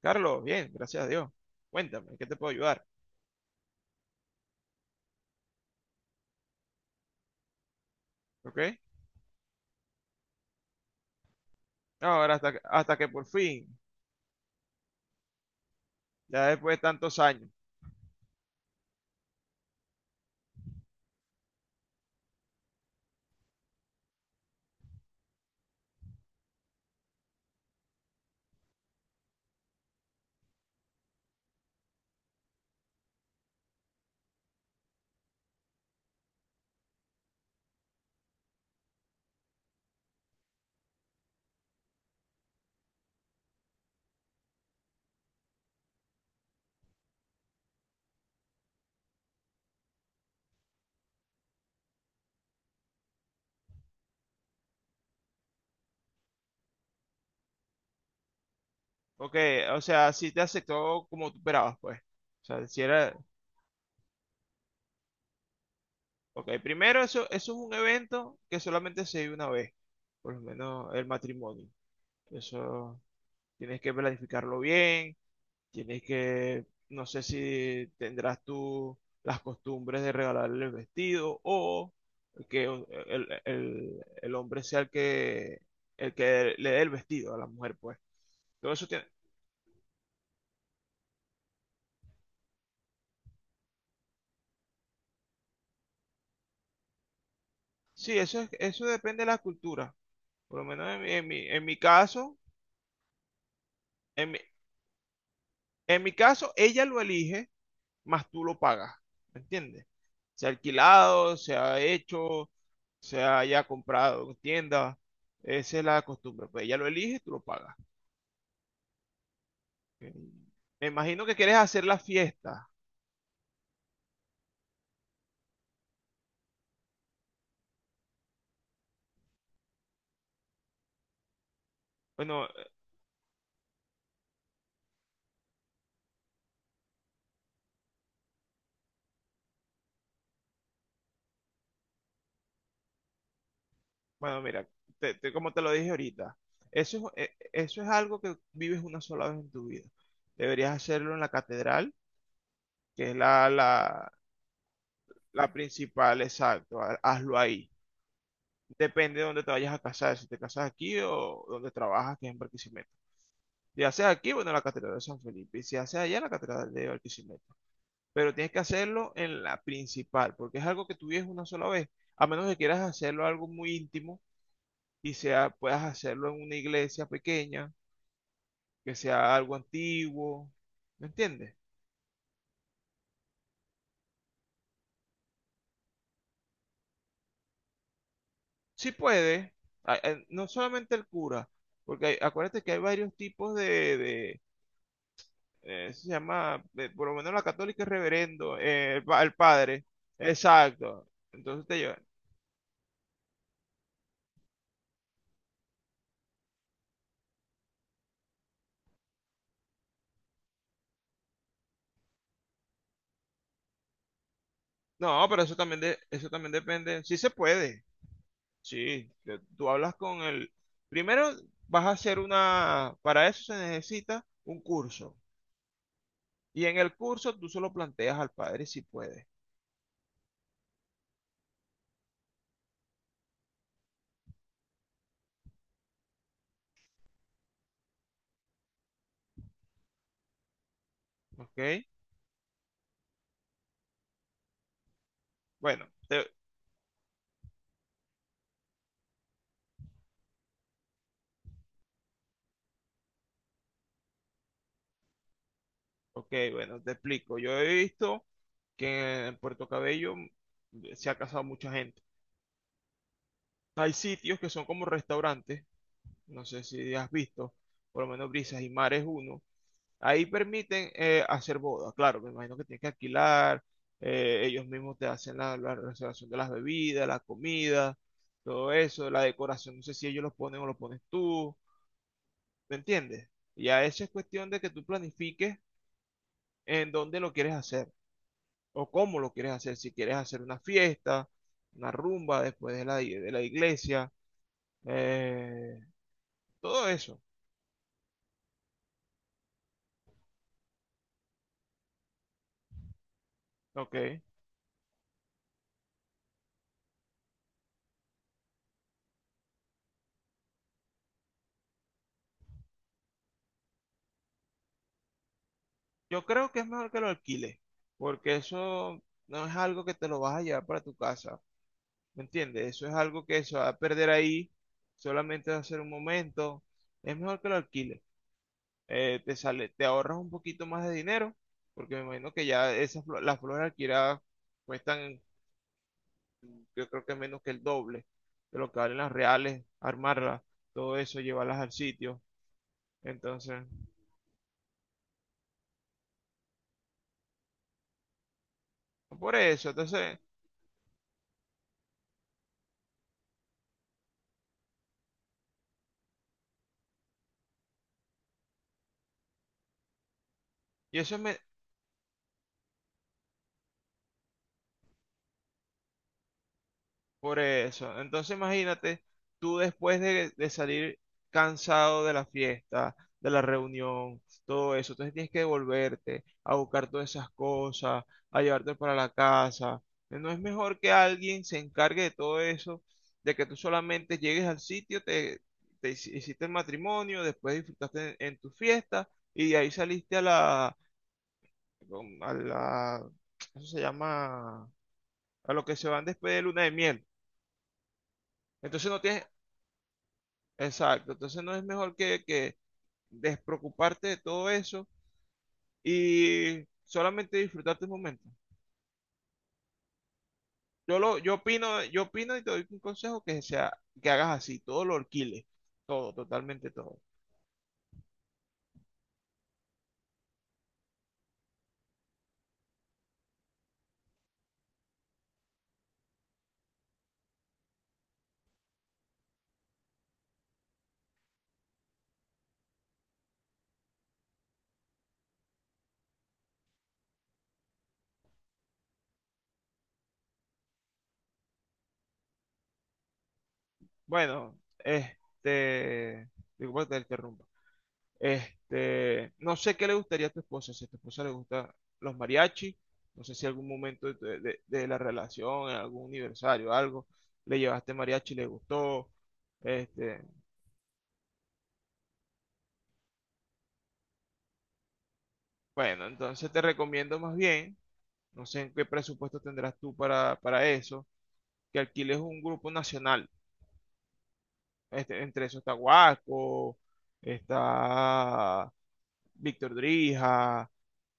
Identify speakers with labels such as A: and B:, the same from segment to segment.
A: Carlos, bien, gracias a Dios. Cuéntame, ¿qué te puedo ayudar? ¿Ok? No, ahora, hasta, hasta que por fin, ya después de tantos años. Ok, o sea, si te aceptó como tú esperabas, pues. O sea, si era... Ok, primero, eso es un evento que solamente se vive una vez. Por lo menos el matrimonio. Eso tienes que planificarlo bien. Tienes que, no sé si tendrás tú las costumbres de regalarle el vestido o que el hombre sea el que le dé el vestido a la mujer, pues. Todo eso tiene, sí, eso depende de la cultura. Por lo menos en mi, en mi, en mi, en mi caso, ella lo elige, más tú lo pagas. ¿Me entiendes? Se ha alquilado, se ha hecho, se haya comprado en tienda. Esa es la costumbre. Pues ella lo elige y tú lo pagas. Ok. Me imagino que quieres hacer la fiesta. Bueno, bueno, mira, como te lo dije ahorita, eso, eso es algo que vives una sola vez en tu vida. Deberías hacerlo en la catedral, que es la, la principal, exacto. Hazlo ahí. Depende de dónde te vayas a casar, si te casas aquí o donde trabajas, que es en Barquisimeto. Si haces aquí, bueno, en la Catedral de San Felipe. Y si haces allá, en la Catedral de Barquisimeto. Pero tienes que hacerlo en la principal, porque es algo que tú vives una sola vez. A menos que quieras hacerlo algo muy íntimo y sea, puedas hacerlo en una iglesia pequeña, que sea algo antiguo, ¿me entiendes? Sí puede, no solamente el cura, porque acuérdate que hay varios tipos se llama, por lo menos la católica es reverendo, el, el padre, exacto, entonces te llevan. No, pero eso también, de, eso también depende, sí se puede, sí, tú hablas con el, primero vas a hacer una, para eso se necesita un curso. Y en el curso tú solo planteas al padre si puedes, ¿ok? Bueno, te, ok, bueno, te explico. Yo he visto que en Puerto Cabello mm, se ha casado mucha gente. Hay sitios que son como restaurantes, no sé si has visto, por lo menos Brisas y Mar es uno. Ahí permiten hacer bodas, claro, me imagino que tienes que alquilar, ellos mismos te hacen la reservación de las bebidas, la comida, todo eso, la decoración, no sé si ellos los ponen o lo pones tú. ¿Me entiendes? Ya eso es cuestión de que tú planifiques en dónde lo quieres hacer o cómo lo quieres hacer. Si quieres hacer una fiesta, una rumba después de de la iglesia, eh, todo eso, ¿ok? Yo creo que es mejor que lo alquiles, porque eso no es algo que te lo vas a llevar para tu casa, ¿me entiendes? Eso es algo que se va a perder ahí, solamente va a ser un momento. Es mejor que lo alquiles. Eh, te sale, te ahorras un poquito más de dinero, porque me imagino que ya esas, las flores alquiladas cuestan, yo creo que menos que el doble de lo que valen las reales, armarlas, todo eso, llevarlas al sitio. Entonces, por eso, entonces, y eso, por eso. Entonces imagínate, tú después de salir cansado de la fiesta, de la reunión, todo eso, entonces tienes que devolverte a buscar todas esas cosas, a llevarte para la casa. ¿No es mejor que alguien se encargue de todo eso, de que tú solamente llegues al sitio, te, hiciste el matrimonio, después disfrutaste en tu fiesta y de ahí saliste a la, mm, a la, eso se llama, a lo que se van después de luna de miel? Entonces no tienes, exacto, entonces no es mejor que despreocuparte de todo eso y solamente disfrutar tus momentos. Yo lo, yo opino y te doy un consejo que sea, que hagas así, todo lo alquiles, todo, totalmente todo. Bueno, este, disculpa que te interrumpa. Este, no sé qué le gustaría a tu esposa, si a tu esposa le gustan los mariachis, no sé si algún momento de la relación, en algún aniversario, algo, le llevaste mariachi y le gustó. Este, bueno, entonces te recomiendo más bien, no sé en qué presupuesto tendrás tú para eso, que alquiles un grupo nacional. Este, entre eso está Guaco, está Víctor Drija,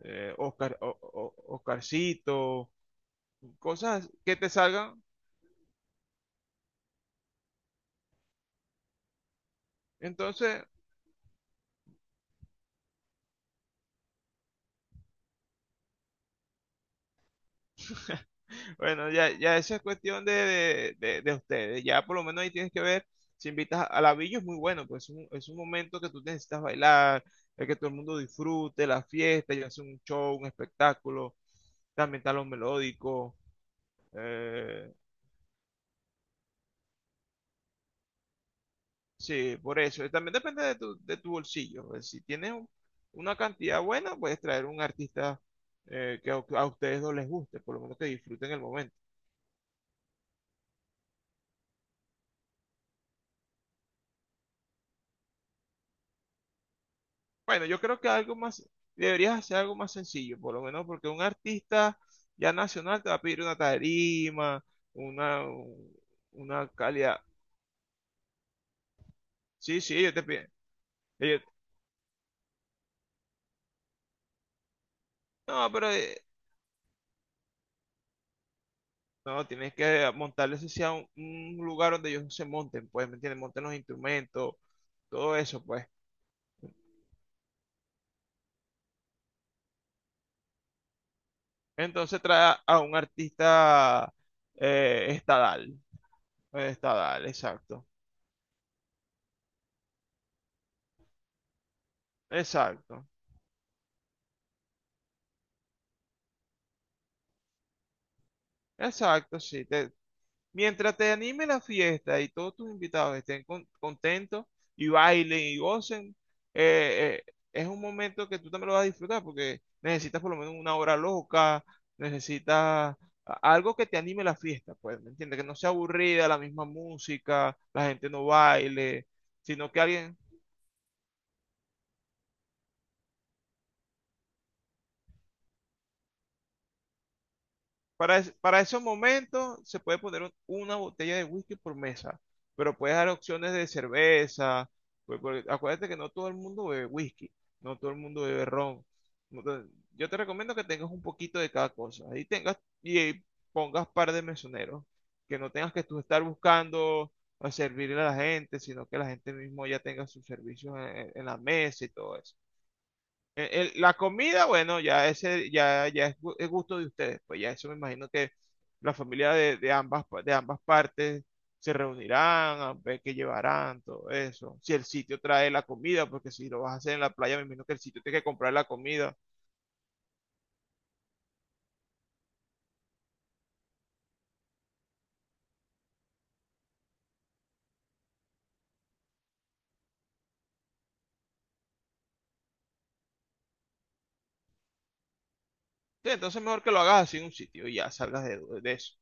A: Oscar, Oscarcito, cosas que te salgan. Entonces, bueno, ya, ya eso es cuestión de ustedes. Ya por lo menos ahí tienes que ver si invitas a la villa, es muy bueno, pues es un momento que tú necesitas bailar, el que todo el mundo disfrute, la fiesta, ya sea un show, un espectáculo, también está lo melódico. Eh, sí, por eso. Y también depende de tu bolsillo. Pues, si tienes una cantidad buena, puedes traer un artista que a ustedes no les guste, por lo menos que disfruten el momento. Bueno, yo creo que algo más, deberías hacer algo más sencillo, por lo menos porque un artista ya nacional te va a pedir una tarima, una, una calidad. Sí, sí, ellos te piden. Ellos- no, pero no, tienes que montarles ese sea un lugar donde ellos se monten, pues, ¿me entiendes? Monten los instrumentos, todo eso, pues. Entonces trae a un artista estadal, estadal, exacto, exacto, exacto, sí, te, mientras te anime la fiesta y todos tus invitados estén contentos y bailen y gocen, es un momento que tú también lo vas a disfrutar porque necesitas por lo menos una hora loca, necesitas algo que te anime la fiesta, pues, ¿me entiendes? Que no sea aburrida, la misma música, la gente no baile, sino que alguien... Para, para esos momentos se puede poner una botella de whisky por mesa, pero puedes dar opciones de cerveza. Pues, porque acuérdate que no todo el mundo bebe whisky, no todo el mundo bebe ron. No to- Yo te recomiendo que tengas un poquito de cada cosa y tengas y pongas par de mesoneros, que no tengas que tú estar buscando a servirle a la gente, sino que la gente mismo ya tenga sus servicios en la mesa y todo eso. La comida, bueno, ya ese, ya, ya es, es gusto de ustedes. Pues ya eso me imagino que la familia de ambas, de ambas partes se reunirán, a ver qué llevarán, todo eso. Si el sitio trae la comida, porque si lo vas a hacer en la playa, me imagino que el sitio tiene que comprar la comida. Sí, entonces mejor que lo hagas así en un sitio y ya salgas de eso.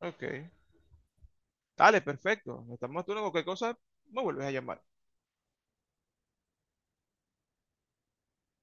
A: Ok. Dale, perfecto. Estamos tú en cualquier cosa, me vuelves a llamar.